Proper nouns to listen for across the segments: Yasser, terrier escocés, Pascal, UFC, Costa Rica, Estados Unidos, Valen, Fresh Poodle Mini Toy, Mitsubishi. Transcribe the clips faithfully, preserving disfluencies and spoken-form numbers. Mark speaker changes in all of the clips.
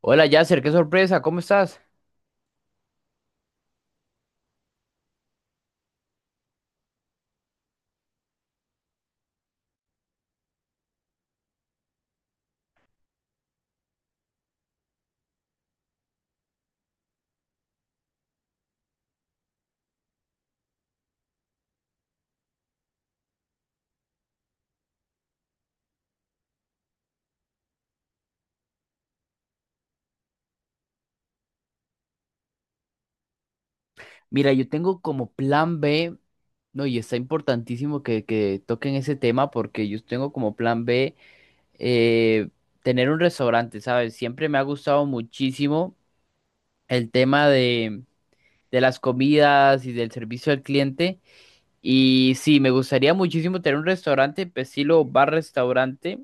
Speaker 1: Hola Yasser, qué sorpresa, ¿cómo estás? Mira, yo tengo como plan B, no, y está importantísimo que, que toquen ese tema porque yo tengo como plan B, eh, tener un restaurante, ¿sabes? Siempre me ha gustado muchísimo el tema de, de las comidas y del servicio al cliente. Y sí, me gustaría muchísimo tener un restaurante, estilo bar-restaurante,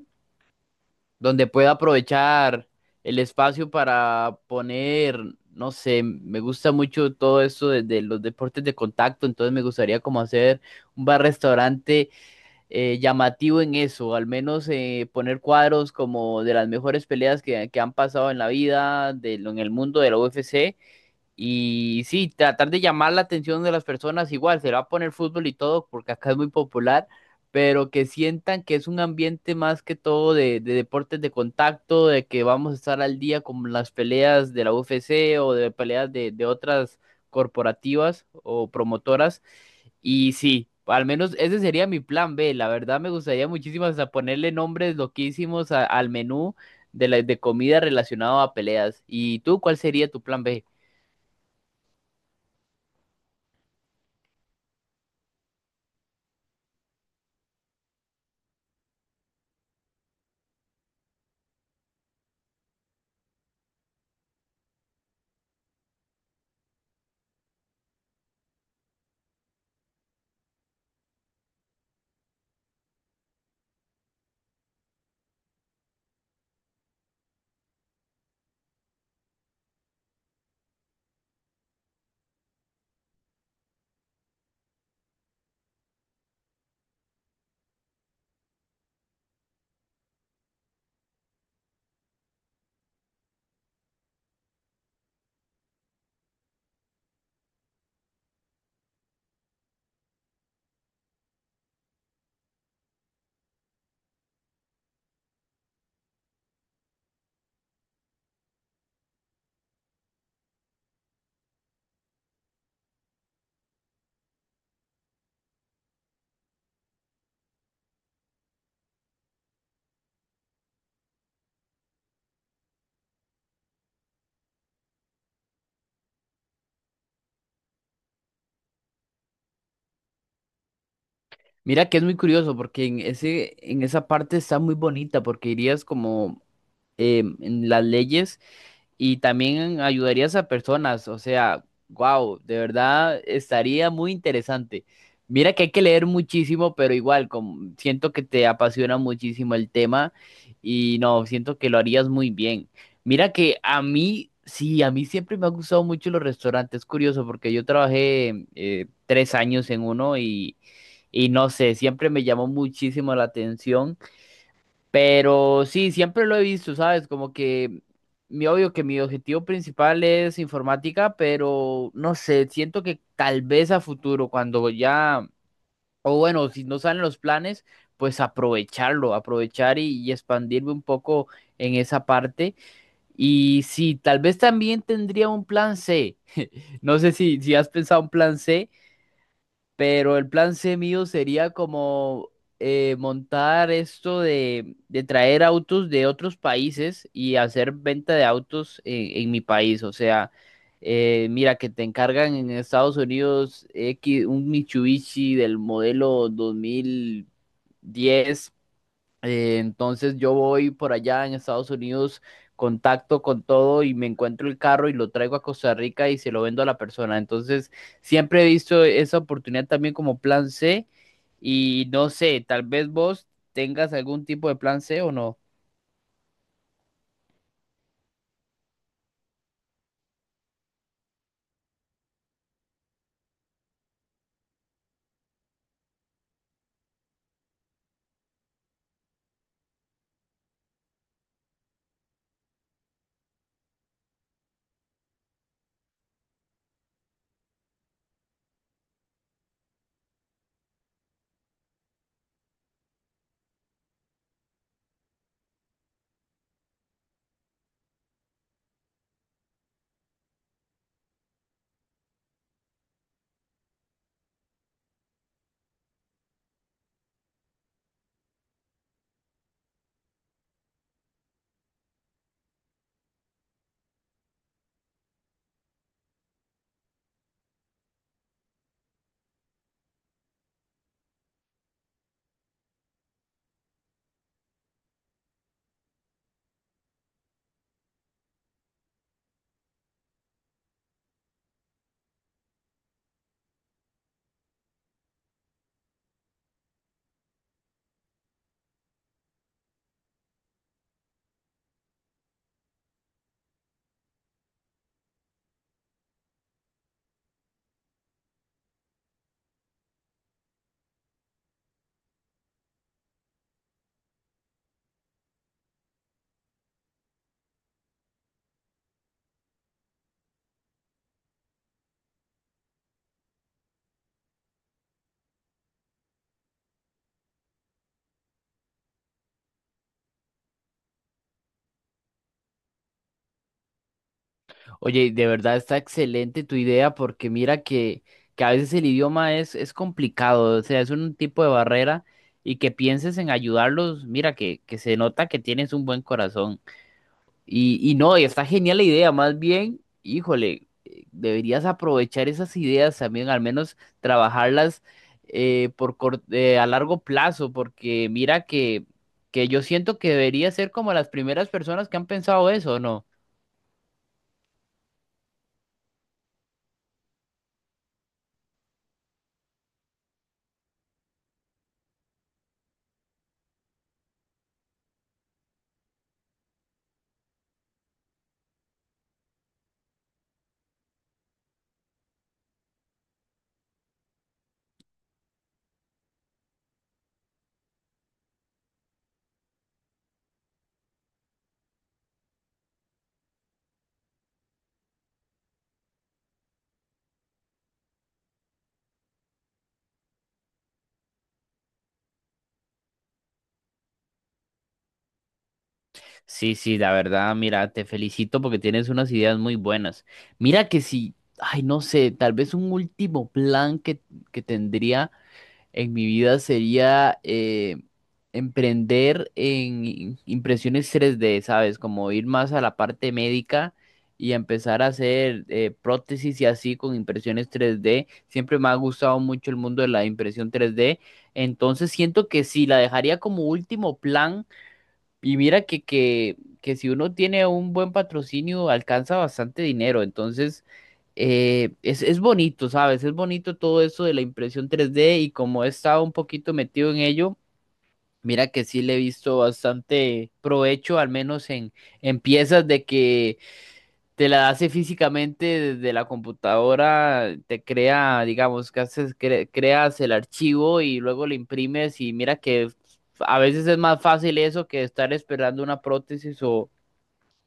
Speaker 1: donde pueda aprovechar el espacio para poner, no sé, me gusta mucho todo esto de, de los deportes de contacto, entonces me gustaría como hacer un bar-restaurante eh, llamativo en eso, al menos eh, poner cuadros como de las mejores peleas que, que han pasado en la vida, de, lo- en el mundo de la U F C, y sí, tratar de llamar la atención de las personas, igual se va a poner fútbol y todo, porque acá es muy popular, pero que sientan que es un ambiente más que todo de, de deportes de contacto, de que vamos a estar al día con las peleas de la U F C o de peleas de, de otras corporativas o promotoras. Y sí, al menos ese sería mi plan B. La verdad me gustaría muchísimo hasta ponerle nombres loquísimos a- al menú de, la, de comida relacionado a peleas. ¿Y tú cuál sería tu plan B? Mira que es muy curioso porque en ese, en esa parte está muy bonita porque irías como em, en las leyes y también ayudarías a personas, o sea, wow, de verdad estaría muy interesante. Mira que hay que leer muchísimo, pero igual, como, siento que te apasiona muchísimo el tema y no, siento que lo harías muy bien. Mira que a mí, sí, a mí siempre me han gustado mucho los restaurantes, es curioso, porque yo trabajé eh, tres años en uno y, y no sé, siempre me llamó muchísimo la atención. Pero sí, siempre lo he visto, ¿sabes? Como que mi obvio que mi objetivo principal es informática, pero no sé, siento que tal vez a futuro, cuando ya, o bueno, si no salen los planes, pues aprovecharlo, aprovechar y, y expandirme un poco en esa parte. Y sí, tal vez también tendría un plan C. No sé si, si has pensado un plan C, pero el plan C mío sería como, eh, montar esto de, de traer autos de otros países y hacer venta de autos en, en mi país. O sea, eh, mira que te encargan en Estados Unidos X, un Mitsubishi del modelo dos mil diez. eh, entonces yo voy por allá en Estados Unidos, contacto con todo y me encuentro el carro y lo traigo a Costa Rica y se lo vendo a la persona. Entonces siempre he visto esa oportunidad también como plan C y no sé, tal vez vos tengas algún tipo de plan C o no. Oye, de verdad está excelente tu idea porque mira que, que a veces el idioma es, es complicado, o sea, es un tipo de barrera y que pienses en ayudarlos, mira que, que se nota que tienes un buen corazón. Y, y no, y está genial la idea, más bien, híjole, eh, deberías aprovechar esas ideas también, al menos trabajarlas eh, por cor- eh, a largo plazo, porque mira que, que yo siento que debería ser como las primeras personas que han pensado eso, ¿no? Sí, sí, la verdad, mira, te felicito porque tienes unas ideas muy buenas. Mira que si, ay, no sé, tal vez un último plan que, que tendría en mi vida sería eh, emprender en impresiones tres d, ¿sabes? Como ir más a la parte médica y empezar a hacer eh, prótesis y así con impresiones tres d. Siempre me ha gustado mucho el mundo de la impresión tres d. Entonces siento que sí, la dejaría como último plan y mira que, que, que si uno tiene un buen patrocinio, alcanza bastante dinero. Entonces, eh, es, es bonito, ¿sabes? Es bonito todo eso de la impresión tres d y como he estado un poquito metido en ello, mira que sí le he visto bastante provecho, al menos en, en piezas de que te la hace físicamente desde la computadora, te crea, digamos, que haces, cre- creas el archivo y luego lo imprimes y mira que a veces es más fácil eso que estar esperando una prótesis o,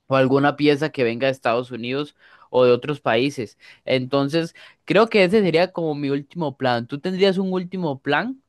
Speaker 1: o alguna pieza que venga de Estados Unidos o de otros países. Entonces, creo que ese sería como mi último plan. ¿Tú tendrías un último plan?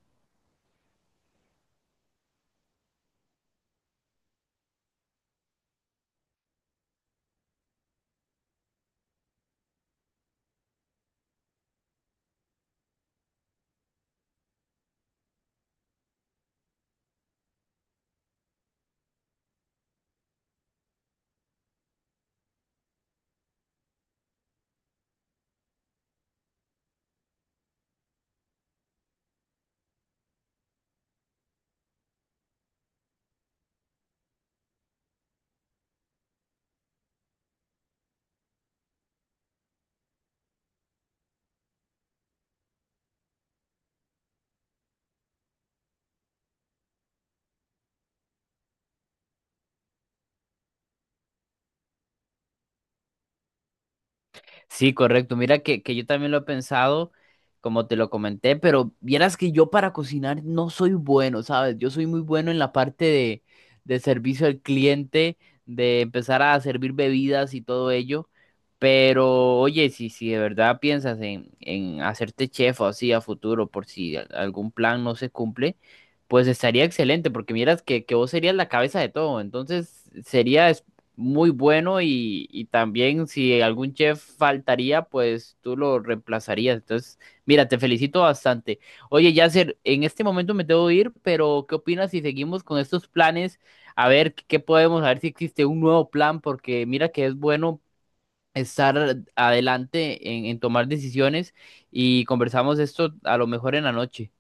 Speaker 1: Sí, correcto. Mira que, que yo también lo he pensado, como te lo comenté, pero vieras que yo para cocinar no soy bueno, ¿sabes? Yo soy muy bueno en la parte de, de servicio al cliente, de empezar a servir bebidas y todo ello. Pero oye, si, si de verdad piensas en, en hacerte chef o así a futuro, por si al- algún plan no se cumple, pues estaría excelente, porque miras que, que vos serías la cabeza de todo. Entonces sería muy bueno y, y también si algún chef faltaría, pues tú lo reemplazarías. Entonces, mira, te felicito bastante. Oye, Yasser, en este momento me tengo que ir, pero ¿qué opinas si seguimos con estos planes? A ver qué podemos, a ver si existe un nuevo plan, porque mira que es bueno estar adelante en, en tomar decisiones y conversamos esto a lo mejor en la noche.